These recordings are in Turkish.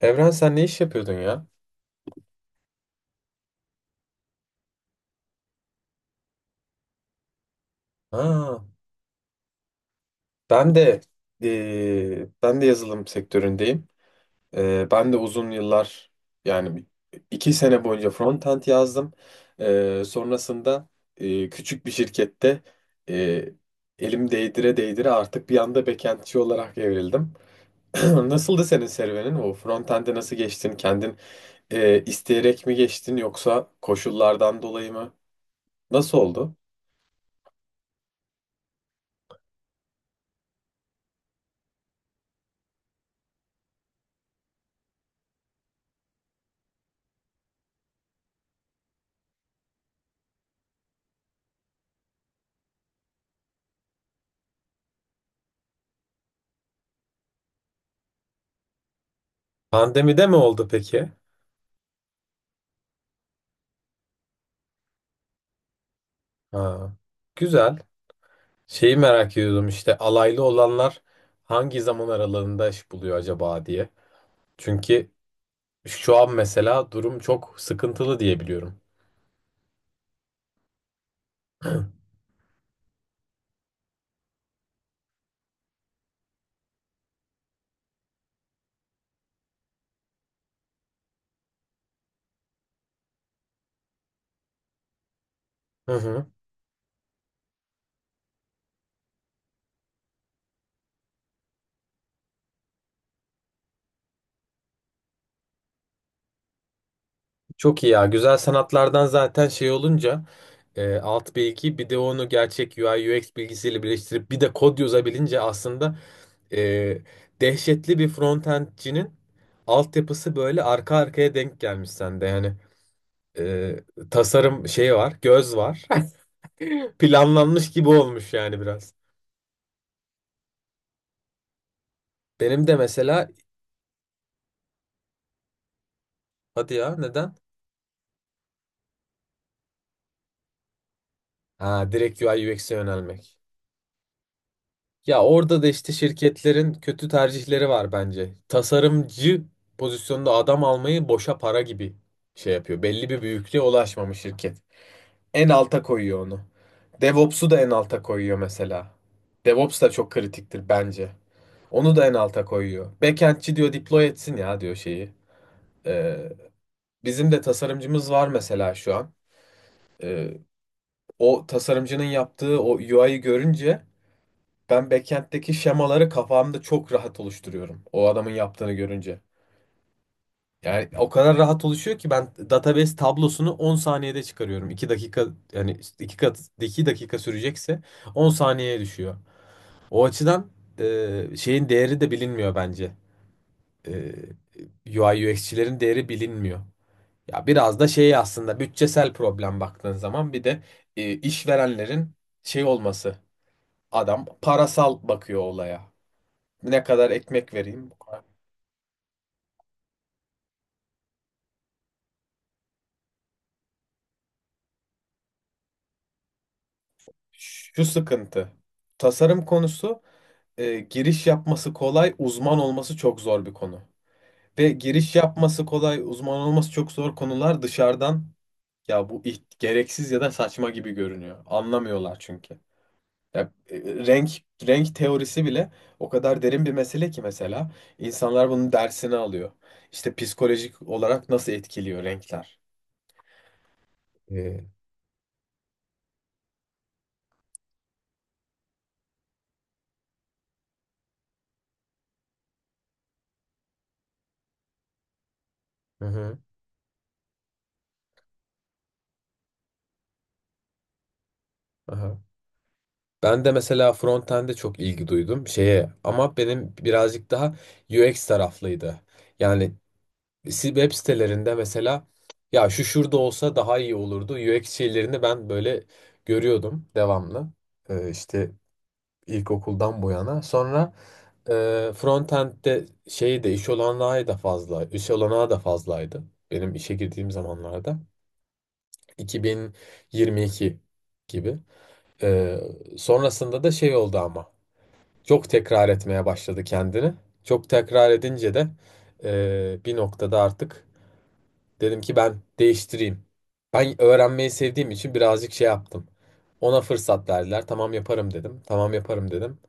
Evren sen ne iş yapıyordun ya? Ha, ben de ben de yazılım sektöründeyim. Ben de uzun yıllar yani 2 sene boyunca frontend yazdım. Sonrasında küçük bir şirkette eee, elim değdire değdire artık bir anda backendçi olarak evrildim. Nasıldı senin serüvenin? O frontend'e nasıl geçtin? Kendin isteyerek mi geçtin yoksa koşullardan dolayı mı? Nasıl oldu? Pandemide mi oldu peki? Ha, güzel. Şeyi merak ediyordum işte alaylı olanlar hangi zaman aralığında iş buluyor acaba diye. Çünkü şu an mesela durum çok sıkıntılı diye biliyorum. Hı hı. Çok iyi ya. Güzel sanatlardan zaten şey olunca alt bilgi bir de onu gerçek U I U X bilgisiyle birleştirip bir de kod yazabilince aslında e, dehşetli bir frontendcinin altyapısı böyle arka arkaya denk gelmiş sende. Yani e, tasarım şeyi var, göz var. Planlanmış gibi olmuş yani biraz. Benim de mesela hadi ya, neden? Ha, direkt UI UX'e yönelmek. Ya orada da işte şirketlerin kötü tercihleri var bence. Tasarımcı pozisyonda adam almayı boşa para gibi şey yapıyor. Belli bir büyüklüğe ulaşmamış şirket. En alta koyuyor onu. DevOps'u da en alta koyuyor mesela. DevOps da çok kritiktir bence. Onu da en alta koyuyor. Backend'çi diyor, deploy etsin ya diyor şeyi. Ee, Bizim de tasarımcımız var mesela şu an. Ee, O tasarımcının yaptığı o UI'yi görünce ben backend'deki şemaları kafamda çok rahat oluşturuyorum. O adamın yaptığını görünce. Yani o kadar rahat oluşuyor ki ben database tablosunu 10 saniyede çıkarıyorum. 2 dakika, yani 2 kat 2 dakika sürecekse 10 saniyeye düşüyor. O açıdan şeyin değeri de bilinmiyor bence. E, UI UX'çilerin değeri bilinmiyor. Ya biraz da şey aslında, bütçesel problem baktığın zaman, bir de işverenlerin şey olması. Adam parasal bakıyor olaya. Ne kadar ekmek vereyim? Bu kadar. Şu sıkıntı. Tasarım konusu, giriş yapması kolay, uzman olması çok zor bir konu. Ve giriş yapması kolay, uzman olması çok zor konular dışarıdan ya bu gereksiz ya da saçma gibi görünüyor. Anlamıyorlar çünkü. Ya, renk renk teorisi bile o kadar derin bir mesele ki mesela insanlar bunun dersini alıyor. İşte psikolojik olarak nasıl etkiliyor renkler. Ee, Hı hı. Aha. Ben de mesela frontend'e çok ilgi duydum şeye, ama benim birazcık daha UX taraflıydı. Yani web sitelerinde mesela ya şu şurada olsa daha iyi olurdu. UX şeylerini ben böyle görüyordum devamlı. İşte ilkokuldan bu yana. Sonra frontend'de şeyi de iş olanağı da fazla, iş olanağı da fazlaydı. Benim işe girdiğim zamanlarda 2022 gibi. Ee, Sonrasında da şey oldu ama. Çok tekrar etmeye başladı kendini. Çok tekrar edince de bir noktada artık dedim ki ben değiştireyim. Ben öğrenmeyi sevdiğim için birazcık şey yaptım. Ona fırsat verdiler. Tamam yaparım dedim. Tamam yaparım dedim.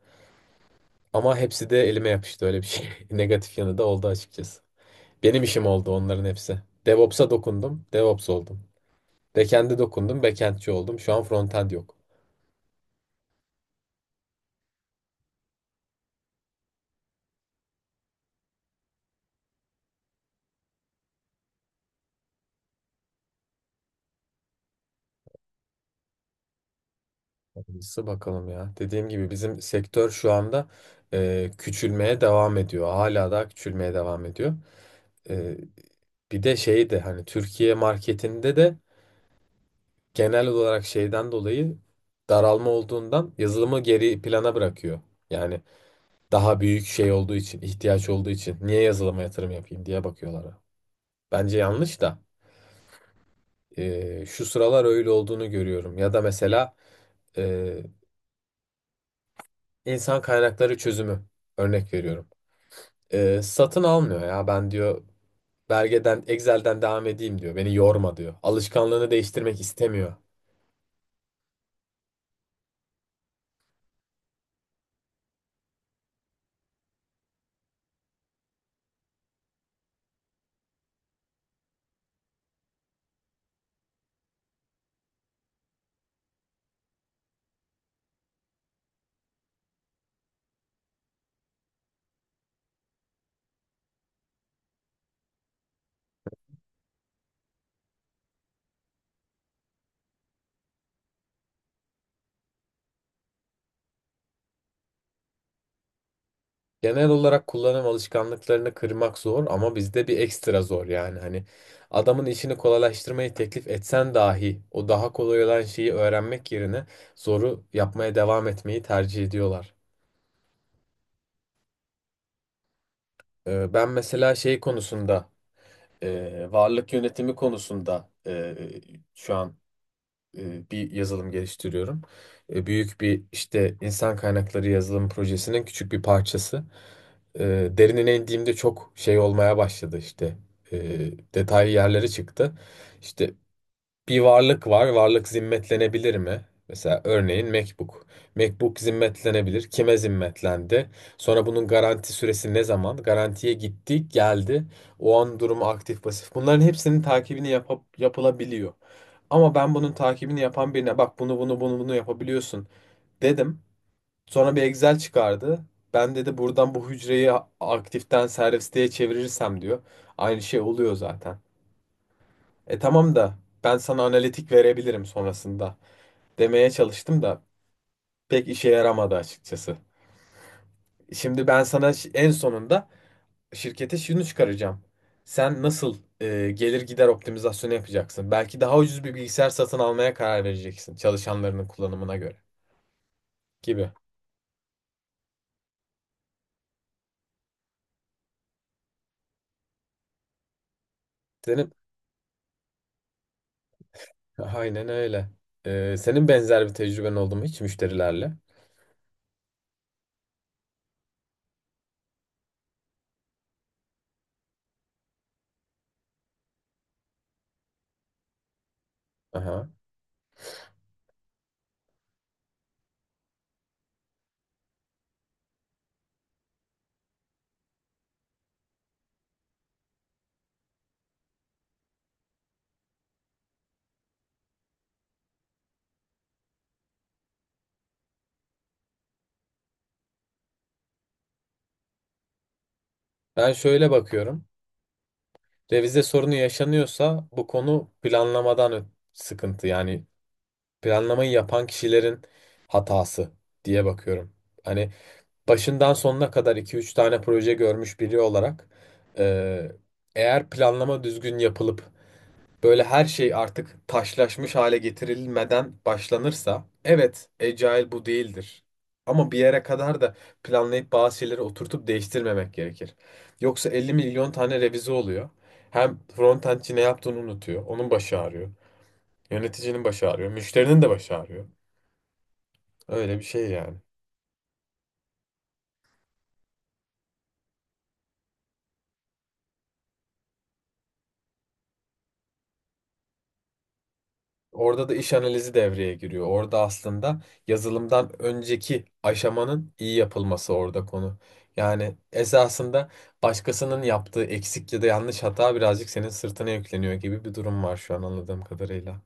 Ama hepsi de elime yapıştı, öyle bir şey. Negatif yanı da oldu açıkçası. Benim işim oldu onların hepsi. DevOps'a dokundum. DevOps oldum. Backend'e dokundum. Backend'ci oldum. Şu an frontend yok. Hayırlısı bakalım ya. Dediğim gibi bizim sektör şu anda küçülmeye devam ediyor. Hala daha küçülmeye devam ediyor. E, Bir de şey de hani Türkiye marketinde de genel olarak şeyden dolayı daralma olduğundan yazılımı geri plana bırakıyor. Yani daha büyük şey olduğu için, ihtiyaç olduğu için niye yazılıma yatırım yapayım diye bakıyorlar. Bence yanlış da şu sıralar öyle olduğunu görüyorum. Ya da mesela e, insan kaynakları çözümü örnek veriyorum. Satın almıyor ya, ben diyor belgeden Excel'den devam edeyim diyor. Beni yorma diyor. Alışkanlığını değiştirmek istemiyor. Genel olarak kullanım alışkanlıklarını kırmak zor, ama bizde bir ekstra zor yani. Hani adamın işini kolaylaştırmayı teklif etsen dahi o daha kolay olan şeyi öğrenmek yerine zoru yapmaya devam etmeyi tercih ediyorlar. Ben mesela şey konusunda, varlık yönetimi konusunda, şu an bir yazılım geliştiriyorum. Büyük bir işte, insan kaynakları yazılım projesinin küçük bir parçası. Derinine indiğimde çok şey olmaya başladı işte. E, Detaylı yerlere çıktı. İşte bir varlık var. Varlık zimmetlenebilir mi? Mesela örneğin MacBook. MacBook zimmetlenebilir. Kime zimmetlendi? Sonra bunun garanti süresi ne zaman? Garantiye gitti, geldi. O an durumu aktif, pasif. Bunların hepsinin takibini yapıp, yapılabiliyor. Ama ben bunun takibini yapan birine, bak bunu bunu bunu bunu yapabiliyorsun dedim. Sonra bir Excel çıkardı. Ben dedi, buradan bu hücreyi aktiften servisteye çevirirsem diyor. Aynı şey oluyor zaten. E tamam da ben sana analitik verebilirim sonrasında demeye çalıştım da pek işe yaramadı açıkçası. Şimdi ben sana en sonunda şirkete şunu çıkaracağım. Sen nasıl gelir gider optimizasyonu yapacaksın? Belki daha ucuz bir bilgisayar satın almaya karar vereceksin çalışanlarının kullanımına göre, gibi. Senin aynen öyle. Senin benzer bir tecrüben oldu mu hiç müşterilerle? Aha. Ben şöyle bakıyorum. Revize sorunu yaşanıyorsa bu konu planlamadan sıkıntı yani. Planlamayı yapan kişilerin hatası diye bakıyorum. Hani başından sonuna kadar iki üç tane proje görmüş biri olarak e, eğer planlama düzgün yapılıp böyle her şey artık taşlaşmış hale getirilmeden başlanırsa, evet Agile bu değildir. Ama bir yere kadar da planlayıp bazı şeyleri oturtup değiştirmemek gerekir. Yoksa 50 milyon tane revize oluyor. Hem frontendçi ne yaptığını unutuyor. Onun başı ağrıyor. Yöneticinin başı ağrıyor. Müşterinin de başı ağrıyor. Öyle bir şey yani. Orada da iş analizi devreye giriyor. Orada aslında yazılımdan önceki aşamanın iyi yapılması orada konu. Yani esasında başkasının yaptığı eksik ya da yanlış hata birazcık senin sırtına yükleniyor gibi bir durum var şu an anladığım kadarıyla.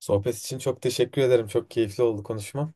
Sohbet için çok teşekkür ederim. Çok keyifli oldu konuşma.